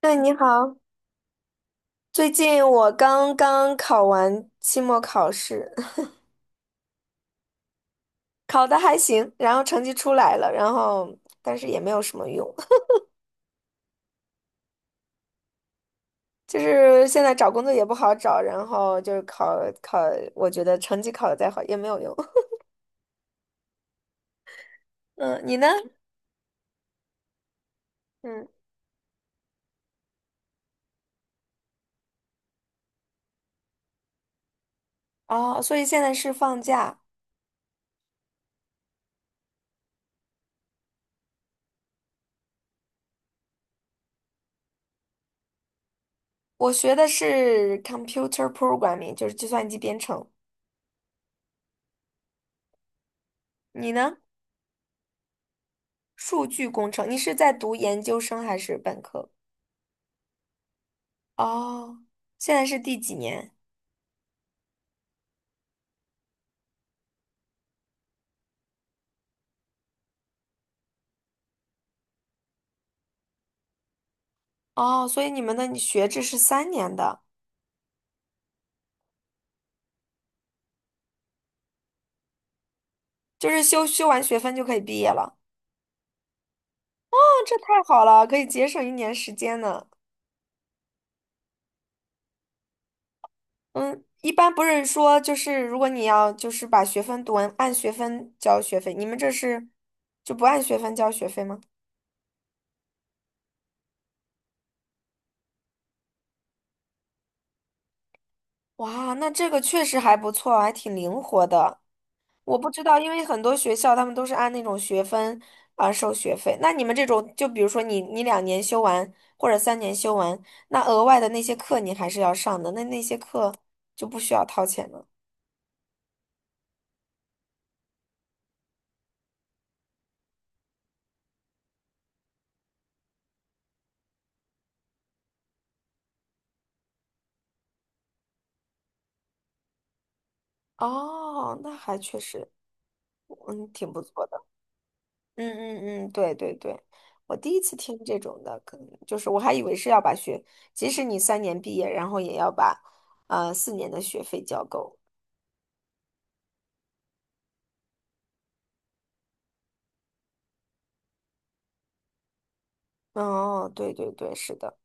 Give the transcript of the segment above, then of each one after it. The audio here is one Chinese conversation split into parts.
对，你好。最近我刚刚考完期末考试，考的还行，然后成绩出来了，但是也没有什么用。就是现在找工作也不好找，然后就是考，我觉得成绩考的再好也没有用。嗯，你呢？嗯，哦，所以现在是放假。我学的是 computer programming，就是计算机编程。你呢？数据工程。你是在读研究生还是本科？哦，现在是第几年？哦，所以你们的学制是三年的，就是修完学分就可以毕业了。啊，这太好了，可以节省一年时间呢。嗯，一般不是说就是如果你要就是把学分读完，按学分交学费，你们这是就不按学分交学费吗？哇，那这个确实还不错，还挺灵活的。我不知道，因为很多学校他们都是按那种学分啊、收学费。那你们这种，就比如说你两年修完或者三年修完，那额外的那些课你还是要上的，那那些课就不需要掏钱了。哦，那还确实，嗯，挺不错的。嗯嗯嗯，对对对，我第一次听这种的，可能就是我还以为是要把学，即使你三年毕业，然后也要把四年的学费交够。哦，对对对，是的。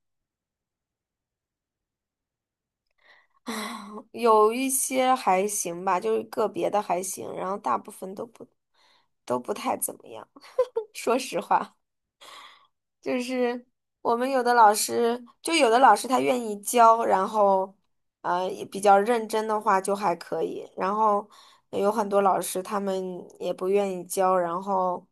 有一些还行吧，就是个别的还行，然后大部分都不太怎么样。说实话，就是我们有的老师，就有的老师他愿意教，然后也比较认真的话就还可以，然后有很多老师他们也不愿意教，然后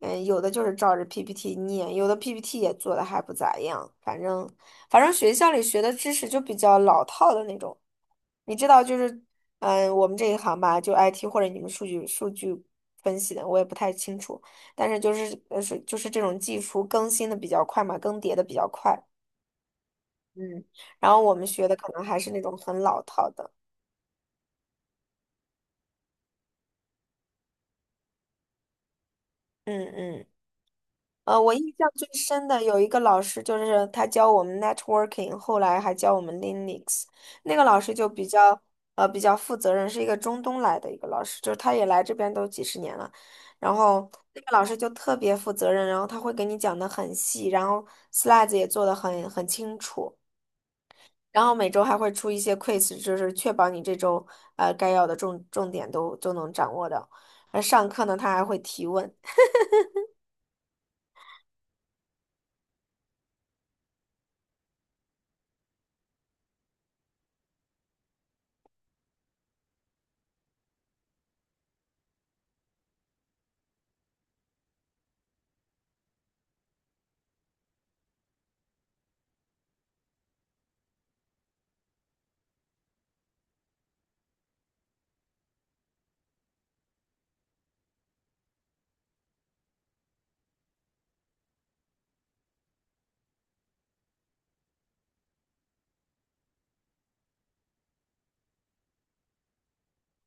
嗯，有的就是照着 PPT 念，有的 PPT 也做的还不咋样。反正，反正学校里学的知识就比较老套的那种。你知道，就是，嗯，我们这一行吧，就 IT 或者你们数据分析的，我也不太清楚。但是就是，是就是这种技术更新的比较快嘛，更迭的比较快。嗯，然后我们学的可能还是那种很老套的。嗯嗯。呃，我印象最深的有一个老师，就是他教我们 networking，后来还教我们 Linux。那个老师就比较比较负责任，是一个中东来的一个老师，就是他也来这边都几十年了。然后那个老师就特别负责任，然后他会给你讲的很细，然后 slides 也做的很清楚，然后每周还会出一些 quiz，就是确保你这周该要的重点都能掌握到。而上课呢，他还会提问。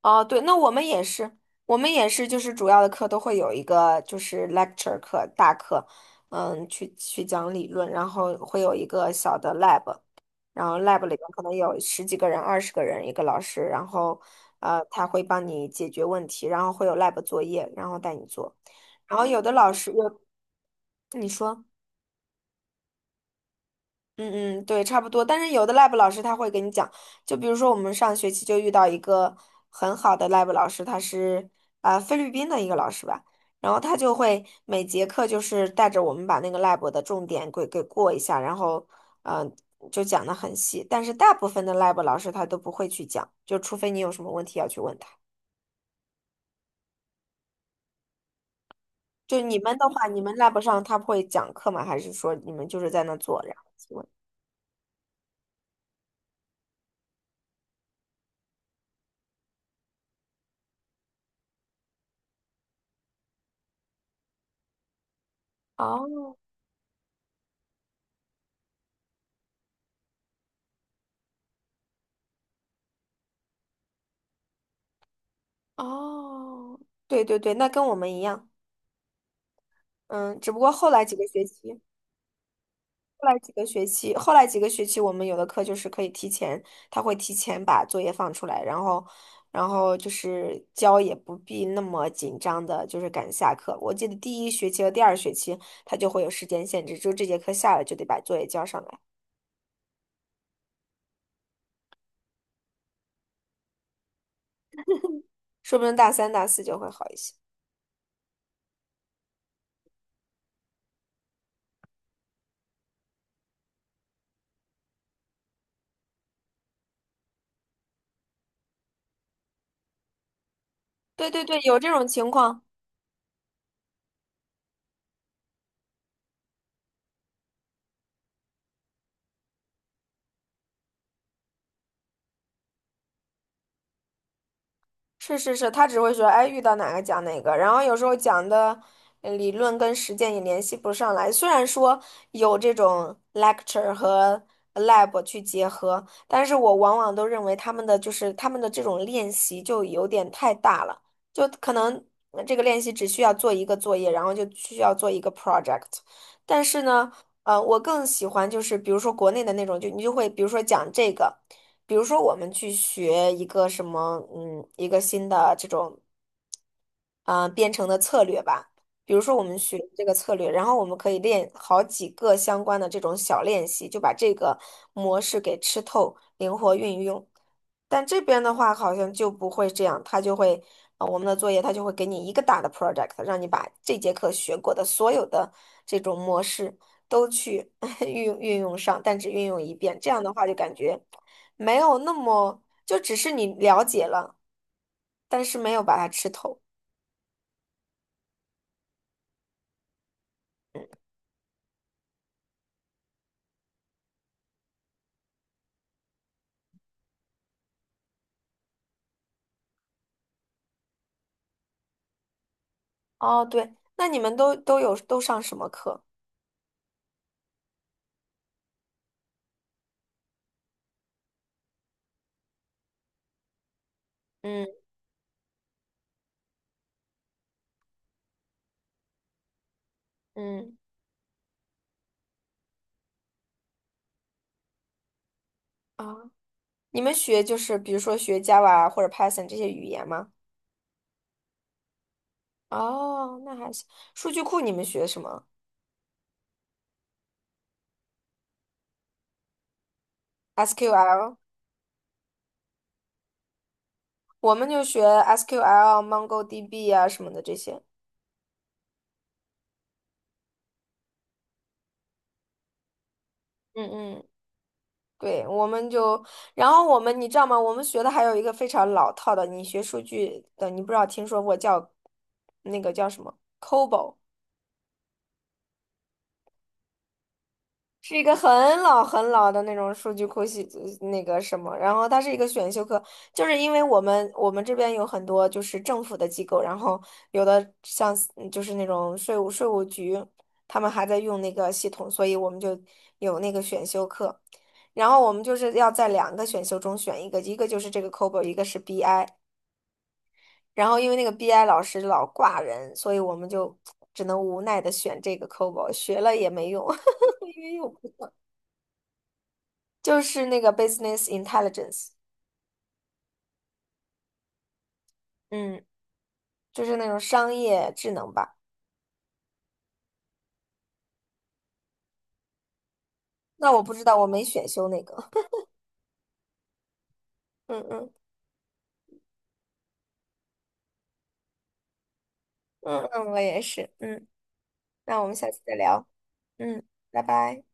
哦，对，那我们也是，我们也是，就是主要的课都会有一个就是 lecture 课大课，嗯，去讲理论，然后会有一个小的 lab，然后 lab 里面可能有十几个人、二十个人一个老师，然后他会帮你解决问题，然后会有 lab 作业，然后带你做，然后有的老师有你说。嗯嗯，对，差不多。但是有的 lab 老师他会给你讲，就比如说我们上学期就遇到一个很好的 lab 老师，他是菲律宾的一个老师吧，然后他就会每节课就是带着我们把那个 lab 的重点给过一下，然后嗯、就讲的很细。但是大部分的 lab 老师他都不会去讲，就除非你有什么问题要去问他。就你们的话，你们 lab 上他会讲课吗？还是说你们就是在那做，然后去问？哦哦，对对对，那跟我们一样。嗯，只不过后来几个学期，后来几个学期，我们有的课就是可以提前，他会提前把作业放出来，然后，然后就是交也不必那么紧张的，就是赶下课。我记得第一学期和第二学期，他就会有时间限制，就这节课下了就得把作业交上来，说不定大三、大四就会好一些。对对对，有这种情况。是是是，他只会说，哎，遇到哪个讲哪个，然后有时候讲的理论跟实践也联系不上来。虽然说有这种 lecture 和lab 去结合，但是我往往都认为他们的这种练习就有点太大了，就可能这个练习只需要做一个作业，然后就需要做一个 project。但是呢，我更喜欢就是比如说国内的那种，就你就会比如说讲这个。比如说我们去学一个什么，嗯，一个新的这种，啊编程的策略吧。比如说我们学这个策略，然后我们可以练好几个相关的这种小练习，就把这个模式给吃透，灵活运用。但这边的话好像就不会这样，他就会，我们的作业他就会给你一个大的 project，让你把这节课学过的所有的这种模式都去 运用上，但只运用一遍。这样的话就感觉。没有那么，就只是你了解了，但是没有把它吃透。哦，对，那你们都上什么课？嗯嗯啊，你们学就是比如说学 Java 或者 Python 这些语言吗？哦，那还行。数据库你们学什么？SQL，我们就学 SQL、MongoDB 啊什么的这些。嗯嗯。对，我们就，然后我们，你知道吗？我们学的还有一个非常老套的，你学数据的，你不知道听说过叫那个叫什么 COBOL。是一个很老很老的那种数据库那个什么，然后它是一个选修课，就是因为我们这边有很多就是政府的机构，然后有的像嗯就是那种税务局，他们还在用那个系统，所以我们就有那个选修课，然后我们就是要在两个选修中选一个，一个就是这个 COBOL，一个是 BI，然后因为那个 BI 老师老挂人，所以我们就只能无奈的选这个 COBOL，学了也没用。因为又。就是那个 business intelligence，嗯，就是那种商业智能吧。那我不知道，我没选修那个。嗯嗯嗯，我也是。嗯，那我们下次再聊。嗯，拜拜。